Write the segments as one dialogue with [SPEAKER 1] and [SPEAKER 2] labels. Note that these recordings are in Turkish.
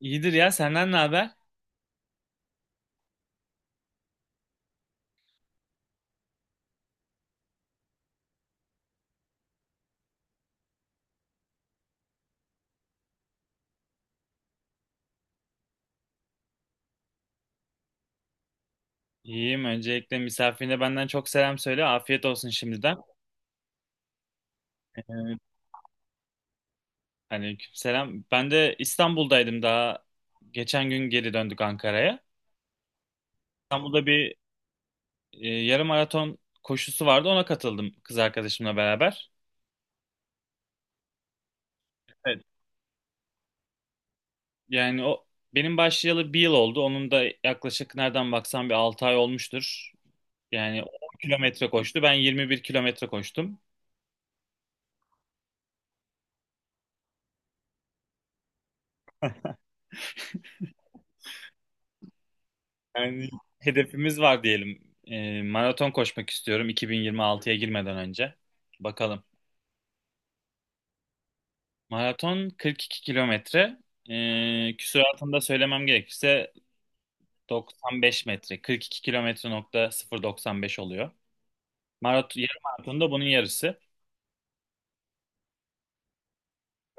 [SPEAKER 1] İyidir ya senden ne haber? İyiyim. Öncelikle misafirine benden çok selam söyle. Afiyet olsun şimdiden. Ee, aleykümselam. Ben de İstanbul'daydım daha. Geçen gün geri döndük Ankara'ya. İstanbul'da bir yarım maraton koşusu vardı. Ona katıldım kız arkadaşımla beraber. Evet. Yani o benim başlayalı bir yıl oldu. Onun da yaklaşık nereden baksan bir 6 ay olmuştur. Yani 10 kilometre koştu. Ben 21 kilometre koştum. Yani hedefimiz var diyelim. Maraton koşmak istiyorum 2026'ya girmeden önce. Bakalım. Maraton 42 kilometre. Küsuratını da söylemem gerekirse 95 metre. 42 kilometre nokta 0,95 oluyor. Maraton, yarım maraton da bunun yarısı.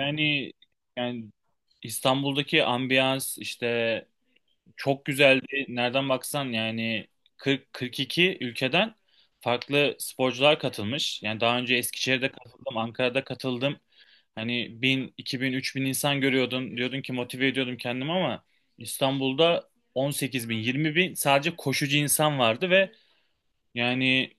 [SPEAKER 1] Yani yani İstanbul'daki ambiyans işte çok güzeldi. Nereden baksan yani 40-42 ülkeden farklı sporcular katılmış. Yani daha önce Eskişehir'de katıldım, Ankara'da katıldım. Hani 1000, 2000, 3000 insan görüyordun. Diyordun ki motive ediyordum kendimi, ama İstanbul'da 18 bin, 20 bin sadece koşucu insan vardı ve yani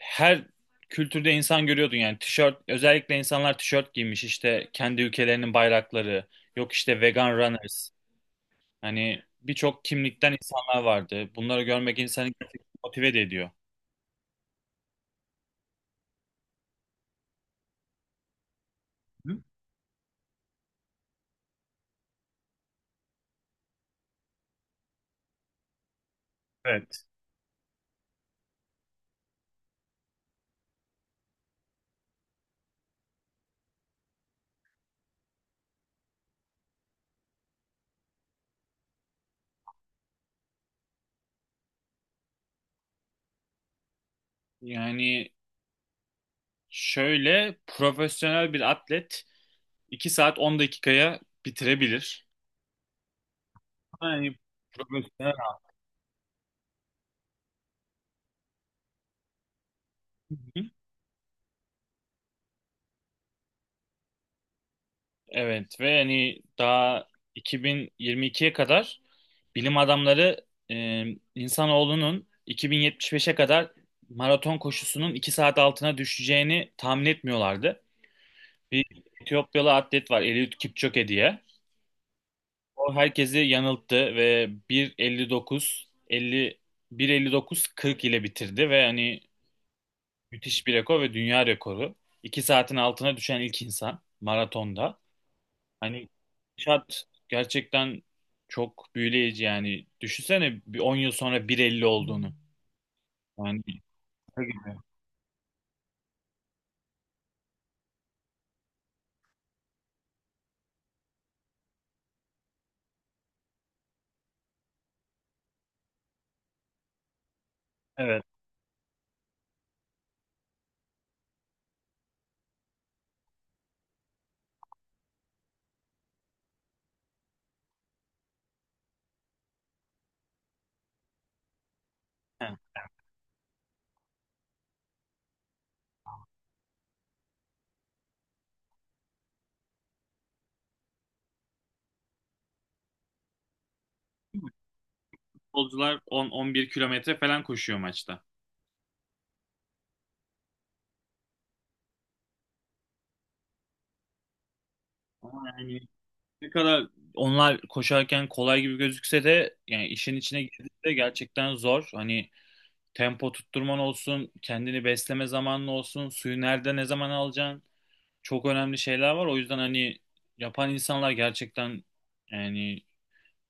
[SPEAKER 1] her kültürde insan görüyordun. Yani tişört, özellikle insanlar tişört giymiş işte kendi ülkelerinin bayrakları. Yok işte vegan runners. Hani birçok kimlikten insanlar vardı. Bunları görmek insanı gerçekten motive de ediyor. Hı? Evet. Yani şöyle profesyonel bir atlet 2 saat 10 dakikaya bitirebilir. Yani profesyonel. Hı. Evet ve hani daha 2022'ye kadar bilim adamları e, insanoğlunun 2075'e kadar maraton koşusunun 2 saat altına düşeceğini tahmin etmiyorlardı. Bir Etiyopyalı atlet var, Eliud Kipchoge diye. O herkesi yanılttı ve 1.59 50, 1.59 40 ile bitirdi ve hani müthiş bir rekor ve dünya rekoru. 2 saatin altına düşen ilk insan maratonda. Hani şart, gerçekten çok büyüleyici yani. Düşünsene bir 10 yıl sonra 1.50 olduğunu. Yani evet. He. Futbolcular 10-11 kilometre falan koşuyor maçta. Ama yani ne kadar onlar koşarken kolay gibi gözükse de yani işin içine girdiğinde gerçekten zor. Hani tempo tutturman olsun, kendini besleme zamanın olsun, suyu nerede ne zaman alacaksın. Çok önemli şeyler var. O yüzden hani yapan insanlar gerçekten yani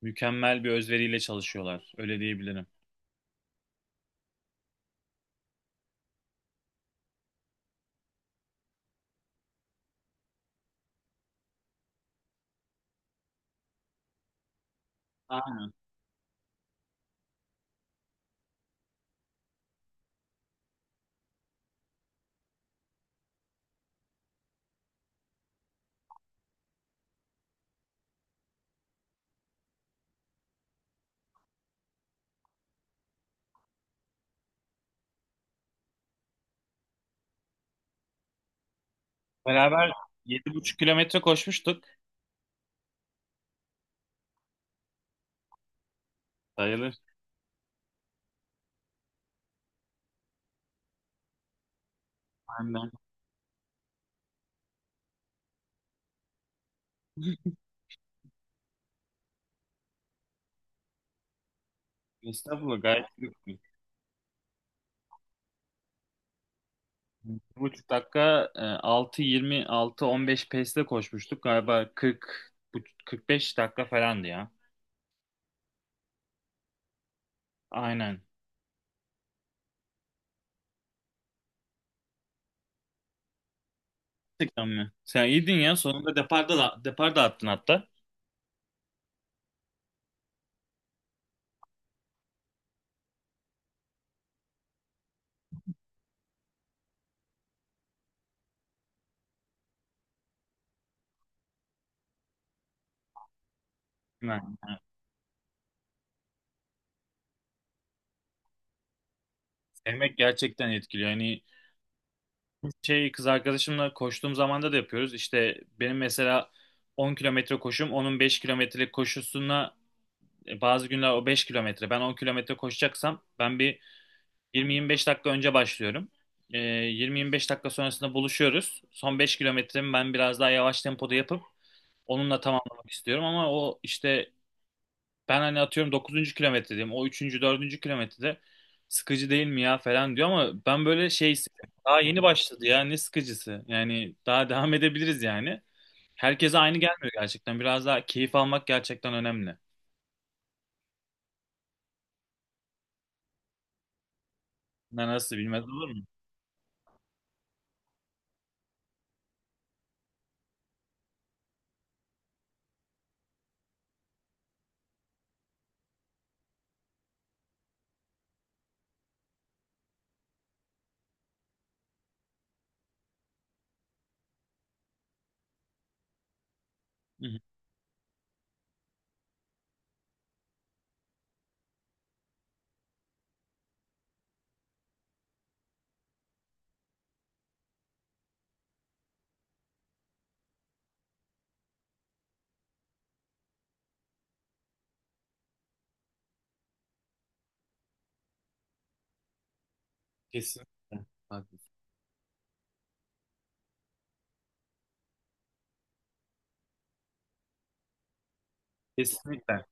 [SPEAKER 1] mükemmel bir özveriyle çalışıyorlar. Öyle diyebilirim. Aa, beraber 7,5 kilometre koşmuştuk. Sayılır. Benden. Estağfurullah, gayet iyi. 1,5 dakika altı yirmi altı on beş pace'le koşmuştuk. Galiba 40 beş dakika falandı ya. Aynen. Gerçekten mi? Sen iyiydin ya. Sonunda deparda da, depar da attın hatta. Ha, sevmek gerçekten etkiliyor. Yani şey, kız arkadaşımla koştuğum zamanda da yapıyoruz. İşte benim mesela 10 kilometre koşum, onun 5 kilometrelik koşusuna bazı günler o 5 kilometre. Ben 10 kilometre koşacaksam ben bir 20-25 dakika önce başlıyorum. 20-25 dakika sonrasında buluşuyoruz. Son 5 kilometremi ben biraz daha yavaş tempoda yapıp onunla tamamlamak istiyorum. Ama o işte, ben hani atıyorum 9. kilometredeyim. O 3. 4. kilometrede sıkıcı değil mi ya falan diyor ama ben böyle şey hissediyorum. Daha yeni başladı ya, ne sıkıcısı. Yani daha devam edebiliriz yani. Herkese aynı gelmiyor gerçekten. Biraz daha keyif almak gerçekten önemli. Ne, nasıl bilmez olur mu? Hı hı. Kesinlikle. Haklısın. Kesinlikle.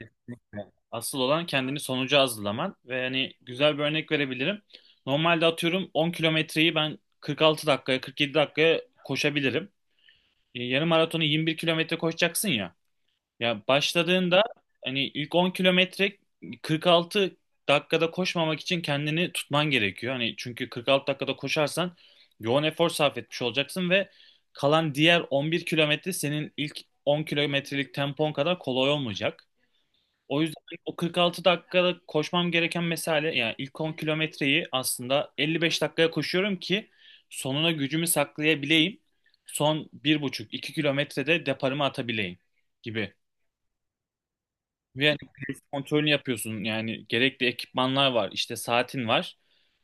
[SPEAKER 1] Kesinlikle. Asıl olan kendini sonuca hazırlaman ve hani güzel bir örnek verebilirim. Normalde atıyorum 10 kilometreyi ben 46 dakikaya, 47 dakikaya koşabilirim. Yarım maratonu 21 kilometre koşacaksın ya. Ya başladığında hani ilk 10 kilometre 46 dakikada koşmamak için kendini tutman gerekiyor. Hani çünkü 46 dakikada koşarsan yoğun efor sarf etmiş olacaksın ve kalan diğer 11 kilometre senin ilk 10 kilometrelik tempon kadar kolay olmayacak. O yüzden o 46 dakikada koşmam gereken mesafe, yani ilk 10 kilometreyi aslında 55 dakikaya koşuyorum ki sonuna gücümü saklayabileyim. Son bir buçuk iki kilometrede deparımı atabileyim gibi. Ve yani kontrolünü yapıyorsun yani, gerekli ekipmanlar var işte, saatin var.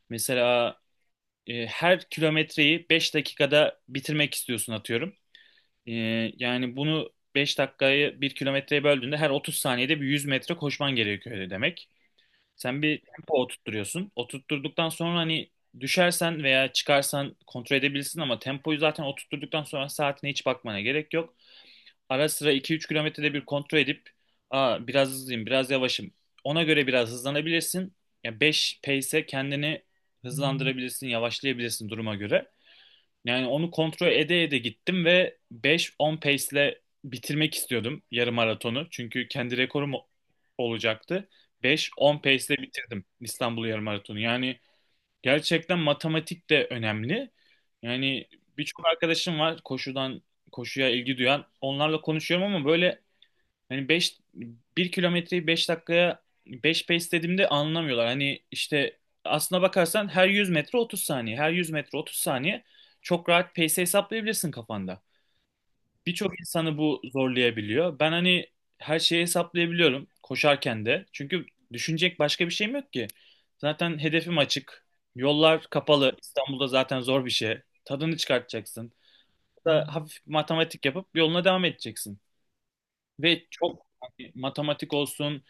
[SPEAKER 1] Mesela her kilometreyi 5 dakikada bitirmek istiyorsun atıyorum. E, Yani bunu, 5 dakikayı 1 kilometreye böldüğünde her 30 saniyede bir 100 metre koşman gerekiyor demek. Sen bir tempo oturtturuyorsun. Oturtturduktan sonra hani düşersen veya çıkarsan kontrol edebilirsin ama tempoyu zaten oturtturduktan sonra saatine hiç bakmana gerek yok. Ara sıra 2-3 kilometrede bir kontrol edip, aa, biraz hızlıyım, biraz yavaşım. Ona göre biraz hızlanabilirsin. Ya, 5 pace'e kendini hızlandırabilirsin, yavaşlayabilirsin duruma göre. Yani onu kontrol ede ede gittim ve 5-10 pace'le bitirmek istiyordum yarım maratonu. Çünkü kendi rekorum olacaktı. 5-10 pace'le bitirdim İstanbul yarım maratonu. Yani gerçekten matematik de önemli. Yani birçok arkadaşım var koşudan, koşuya ilgi duyan. Onlarla konuşuyorum ama böyle, hani 5 1 kilometreyi 5 dakikaya 5 pace dediğimde anlamıyorlar. Hani işte, aslına bakarsan her 100 metre 30 saniye, her 100 metre 30 saniye çok rahat pace hesaplayabilirsin kafanda. Birçok insanı bu zorlayabiliyor. Ben hani her şeyi hesaplayabiliyorum koşarken de. Çünkü düşünecek başka bir şeyim yok ki. Zaten hedefim açık. Yollar kapalı. İstanbul'da zaten zor bir şey. Tadını çıkartacaksın. Da hafif matematik yapıp yoluna devam edeceksin. Ve çok hani matematik olsun,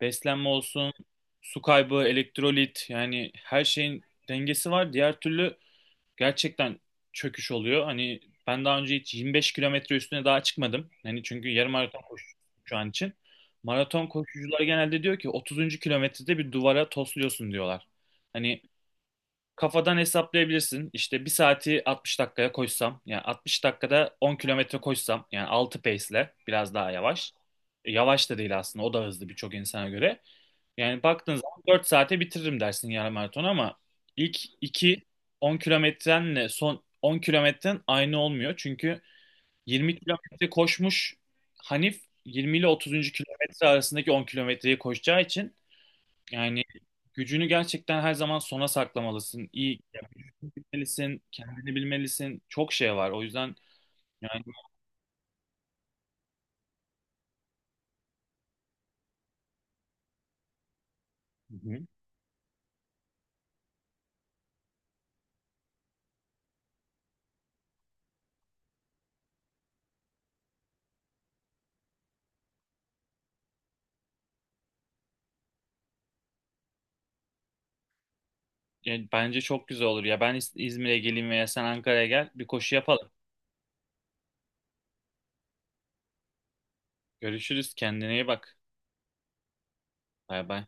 [SPEAKER 1] beslenme olsun, su kaybı, elektrolit, yani her şeyin dengesi var. Diğer türlü gerçekten çöküş oluyor. Hani ben daha önce hiç 25 kilometre üstüne daha çıkmadım. Hani çünkü yarım maraton koşuyorum şu an için. Maraton koşucular genelde diyor ki 30. kilometrede bir duvara tosluyorsun diyorlar. Hani kafadan hesaplayabilirsin. İşte bir saati 60 dakikaya koşsam, yani 60 dakikada 10 kilometre koşsam, yani 6 pace'le biraz daha yavaş. Yavaş da değil aslında, o da hızlı birçok insana göre. Yani baktığın zaman 4 saate bitiririm dersin yarım maraton ama ilk iki 10 kilometrenle son 10 kilometren aynı olmuyor. Çünkü 20 kilometre koşmuş Hanif, 20 ile 30. kilometre arasındaki 10 kilometreyi koşacağı için yani gücünü gerçekten her zaman sona saklamalısın. İyi bilmelisin, kendini bilmelisin. Çok şey var. O yüzden yani, Hı hı, yani bence çok güzel olur. Ya ben İzmir'e geleyim veya sen Ankara'ya gel. Bir koşu yapalım. Görüşürüz. Kendine iyi bak. Bay bay.